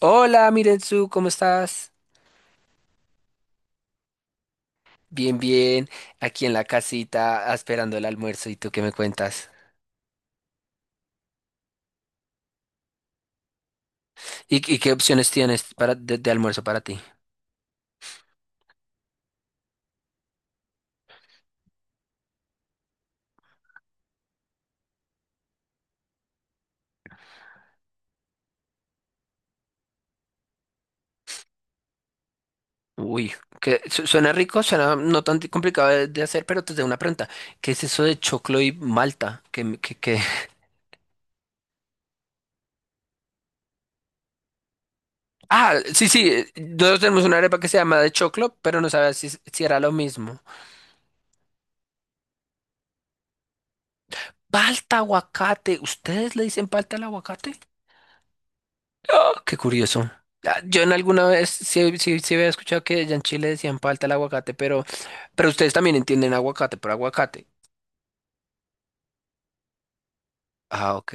Hola, Mirenzu, ¿cómo estás? Bien, aquí en la casita esperando el almuerzo. ¿Y tú qué me cuentas? ¿Y qué opciones tienes de almuerzo para ti? Uy, suena rico, suena no tan complicado de hacer, pero te tengo una pregunta. ¿Qué es eso de choclo y malta? Qué? Ah, sí, nosotros tenemos una arepa que se llama de choclo, pero no sabía si era lo mismo. Palta, aguacate, ¿ustedes le dicen palta al aguacate? Oh, qué curioso. Ah, yo en alguna vez sí, sí había escuchado que allá en Chile decían falta el aguacate, pero ustedes también entienden aguacate por aguacate. Ah, ok.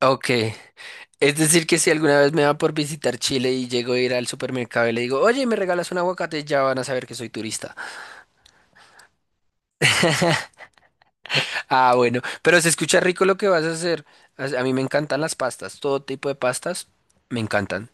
Ok. Es decir, que si alguna vez me va por visitar Chile y llego a ir al supermercado y le digo, oye, ¿me regalas un aguacate? Ya van a saber que soy turista. Ah, bueno. Pero se escucha rico lo que vas a hacer. A mí me encantan las pastas, todo tipo de pastas me encantan.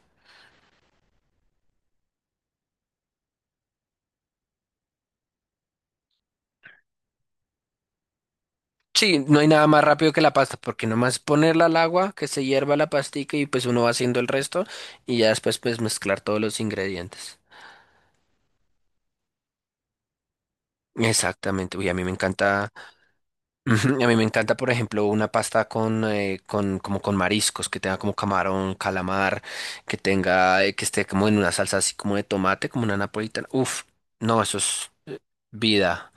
Sí, no hay nada más rápido que la pasta, porque nomás ponerla al agua, que se hierva la pastica y pues uno va haciendo el resto y ya después pues mezclar todos los ingredientes. Exactamente, uy, a mí me encanta, ujú, a mí me encanta, por ejemplo, una pasta con como con mariscos, que tenga como camarón, calamar, que tenga, que esté como en una salsa así como de tomate, como una napolitana. Uf, no, eso es vida.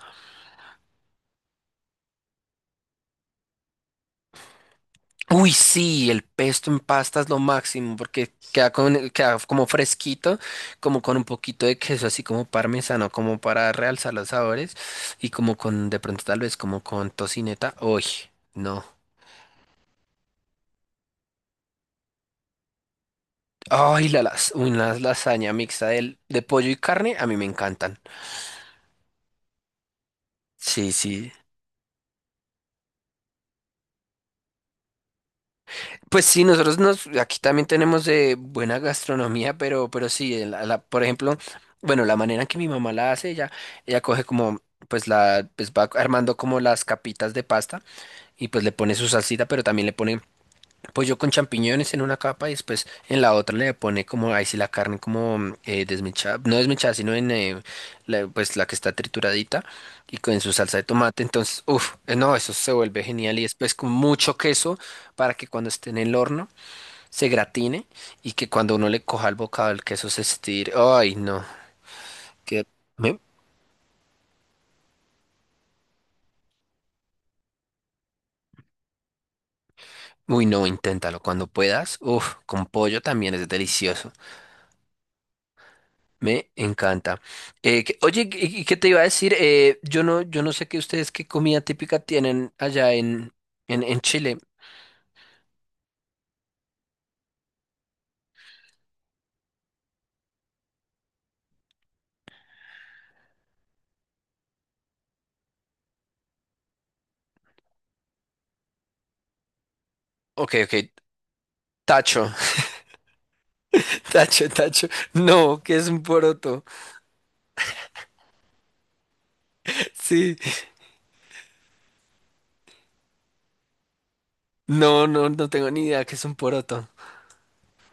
Uy, sí, el pesto en pasta es lo máximo porque queda como fresquito, como con un poquito de queso, así como parmesano, como para realzar los sabores y como de pronto tal vez como con tocineta. Uy, no. Ay, la lasaña mixta de pollo y carne, a mí me encantan. Sí, sí. Pues sí, nosotros nos, aquí también tenemos buena gastronomía, pero sí, por ejemplo, bueno, la manera en que mi mamá la hace, ella coge como, pues la, pues va armando como las capitas de pasta y pues le pone su salsita, pero también le pone pollo con champiñones en una capa y después en la otra le pone como, ahí sí la carne como desmechada, no desmechada, sino en la, pues la que está trituradita y con su salsa de tomate. Entonces, uff, no, eso se vuelve genial y después con mucho queso para que cuando esté en el horno se gratine y que cuando uno le coja el bocado el queso se estire. Ay, no, que... me- Uy, no, inténtalo cuando puedas. Uff, con pollo también es delicioso. Me encanta. Oye, qué te iba a decir? Yo no sé qué ustedes qué comida típica tienen allá en Chile. Ok, ok. Tacho, tacho. No, que es un poroto. Sí. No, no tengo ni idea que es un poroto.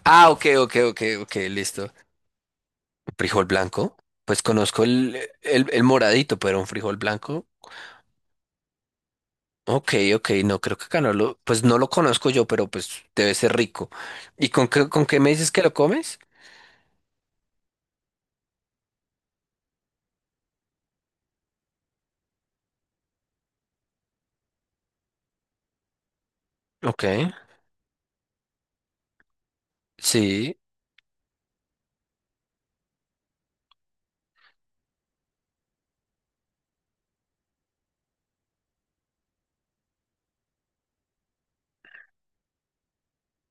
Ah, ok, ok, listo. ¿Frijol blanco? Pues conozco el moradito, pero un frijol blanco. Ok, ok, no, creo que acá no lo, pues no lo conozco yo, pero pues debe ser rico. ¿Y con qué me dices que lo comes? Ok, sí.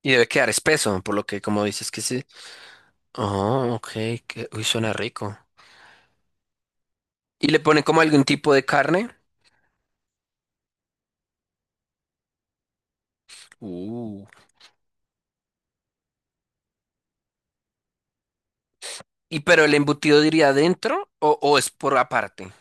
Y debe quedar espeso, por lo que como dices que sí. Oh, ok, que, uy, suena rico. ¿Y le ponen como algún tipo de carne? Uh. ¿Y pero el embutido diría adentro o es por aparte?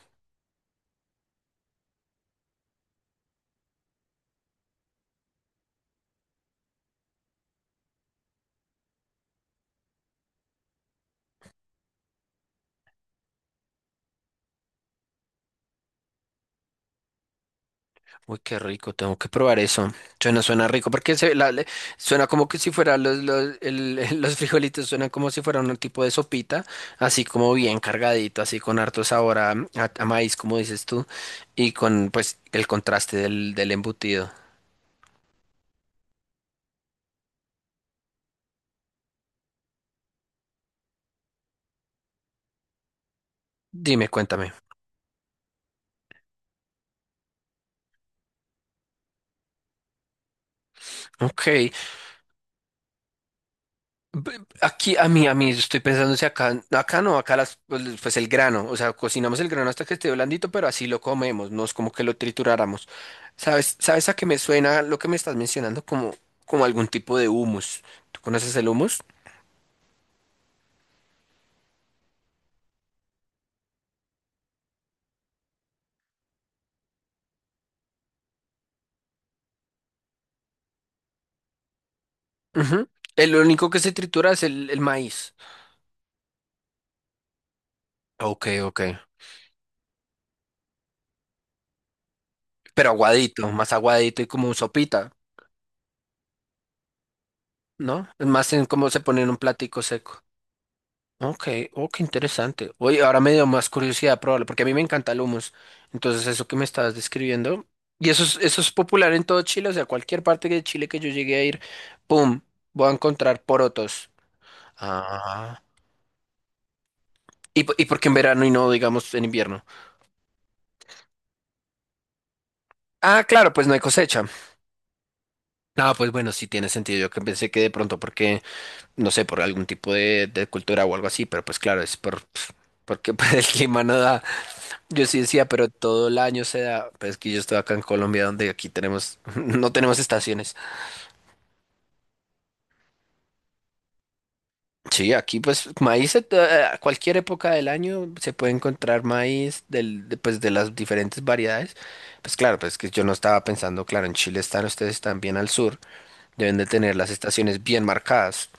Uy, qué rico, tengo que probar eso. Suena rico, porque se, suena como que si fueran los frijolitos, suenan como si fuera un tipo de sopita, así como bien cargadito, así con harto sabor a, a maíz, como dices tú, y con pues el contraste del, del embutido. Dime, cuéntame. Ok. Aquí a mí, estoy pensando si acá, acá no, acá las, pues el grano, o sea, cocinamos el grano hasta que esté blandito, pero así lo comemos, no es como que lo trituráramos. Sabes a qué me suena lo que me estás mencionando? Como algún tipo de humus. ¿Tú conoces el humus? Ujú. El único que se tritura es el maíz. Ok, ok. Pero aguadito, más aguadito y como sopita, ¿no? Es más en cómo se pone en un platico seco. Ok, oh, qué interesante. Oye, ahora me dio más curiosidad probarlo, porque a mí me encanta el hummus. Entonces, eso que me estabas describiendo, y eso es popular en todo Chile, o sea, cualquier parte de Chile que yo llegue a ir, ¡pum! Voy a encontrar porotos. Ah. ¿Y, y por qué en verano y no, digamos, en invierno? Ah, claro, pues no hay cosecha. Ah, pues bueno, sí tiene sentido. Yo que pensé que de pronto, porque, no sé, por algún tipo de cultura o algo así, pero pues claro, es por, pf, porque pues, el clima no da. Yo sí decía, pero todo el año se da, pues que yo estoy acá en Colombia donde aquí tenemos, no tenemos estaciones. Sí, aquí pues a cualquier época del año se puede encontrar maíz pues de las diferentes variedades. Pues claro, pues que yo no estaba pensando, claro, en Chile están, ustedes están bien al sur, deben de tener las estaciones bien marcadas.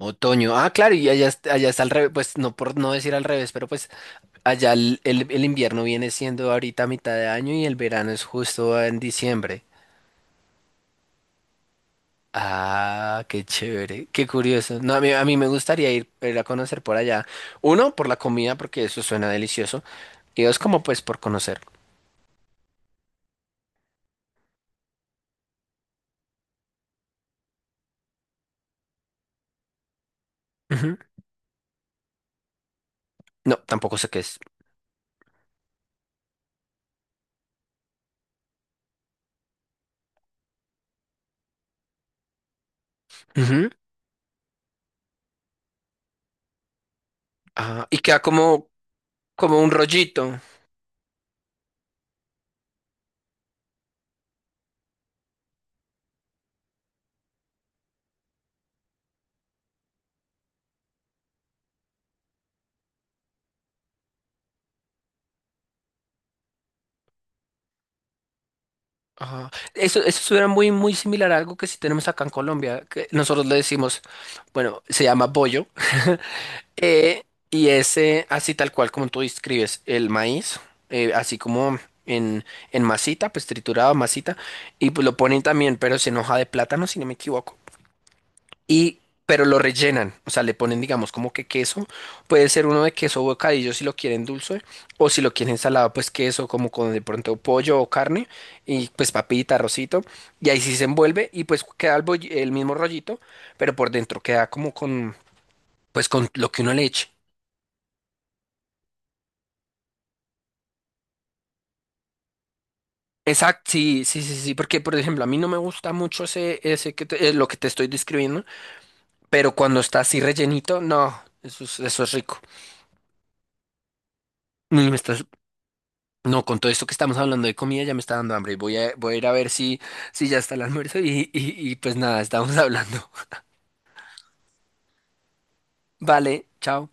Otoño, ah, claro, y allá, allá está al revés, pues no por no decir al revés, pero pues allá el invierno viene siendo ahorita a mitad de año y el verano es justo en diciembre. Ah, qué chévere, qué curioso. No, a mí me gustaría ir, ir a conocer por allá. Uno, por la comida, porque eso suena delicioso. Y dos, como pues por conocer. Ujú. No, tampoco sé qué es. Ujú. Ah, y queda como, como un rollito. Ajá. Eso suena muy, muy similar a algo que sí tenemos acá en Colombia, que nosotros le decimos, bueno, se llama bollo, eh, y es así tal cual como tú describes, el maíz, así como en, en masita, pues triturado, masita, y pues lo ponen también, pero es en hoja de plátano, si no me equivoco y pero lo rellenan, o sea, le ponen, digamos, como que queso, puede ser uno de queso bocadillo si lo quieren dulce, o si lo quieren salado, pues queso, como con de pronto pollo o carne, y pues papita, arrocito, y ahí sí se envuelve, y pues queda el, el mismo rollito, pero por dentro queda como con, pues con lo que uno le eche. Exacto, sí, sí, porque por ejemplo, a mí no me gusta mucho ese, lo que te estoy describiendo, pero cuando está así rellenito, no, eso es rico. Mm, Está No, con todo esto que estamos hablando de comida ya me está dando hambre. Voy a ir a ver si, si ya está el almuerzo y pues nada, estamos hablando. Vale, chao.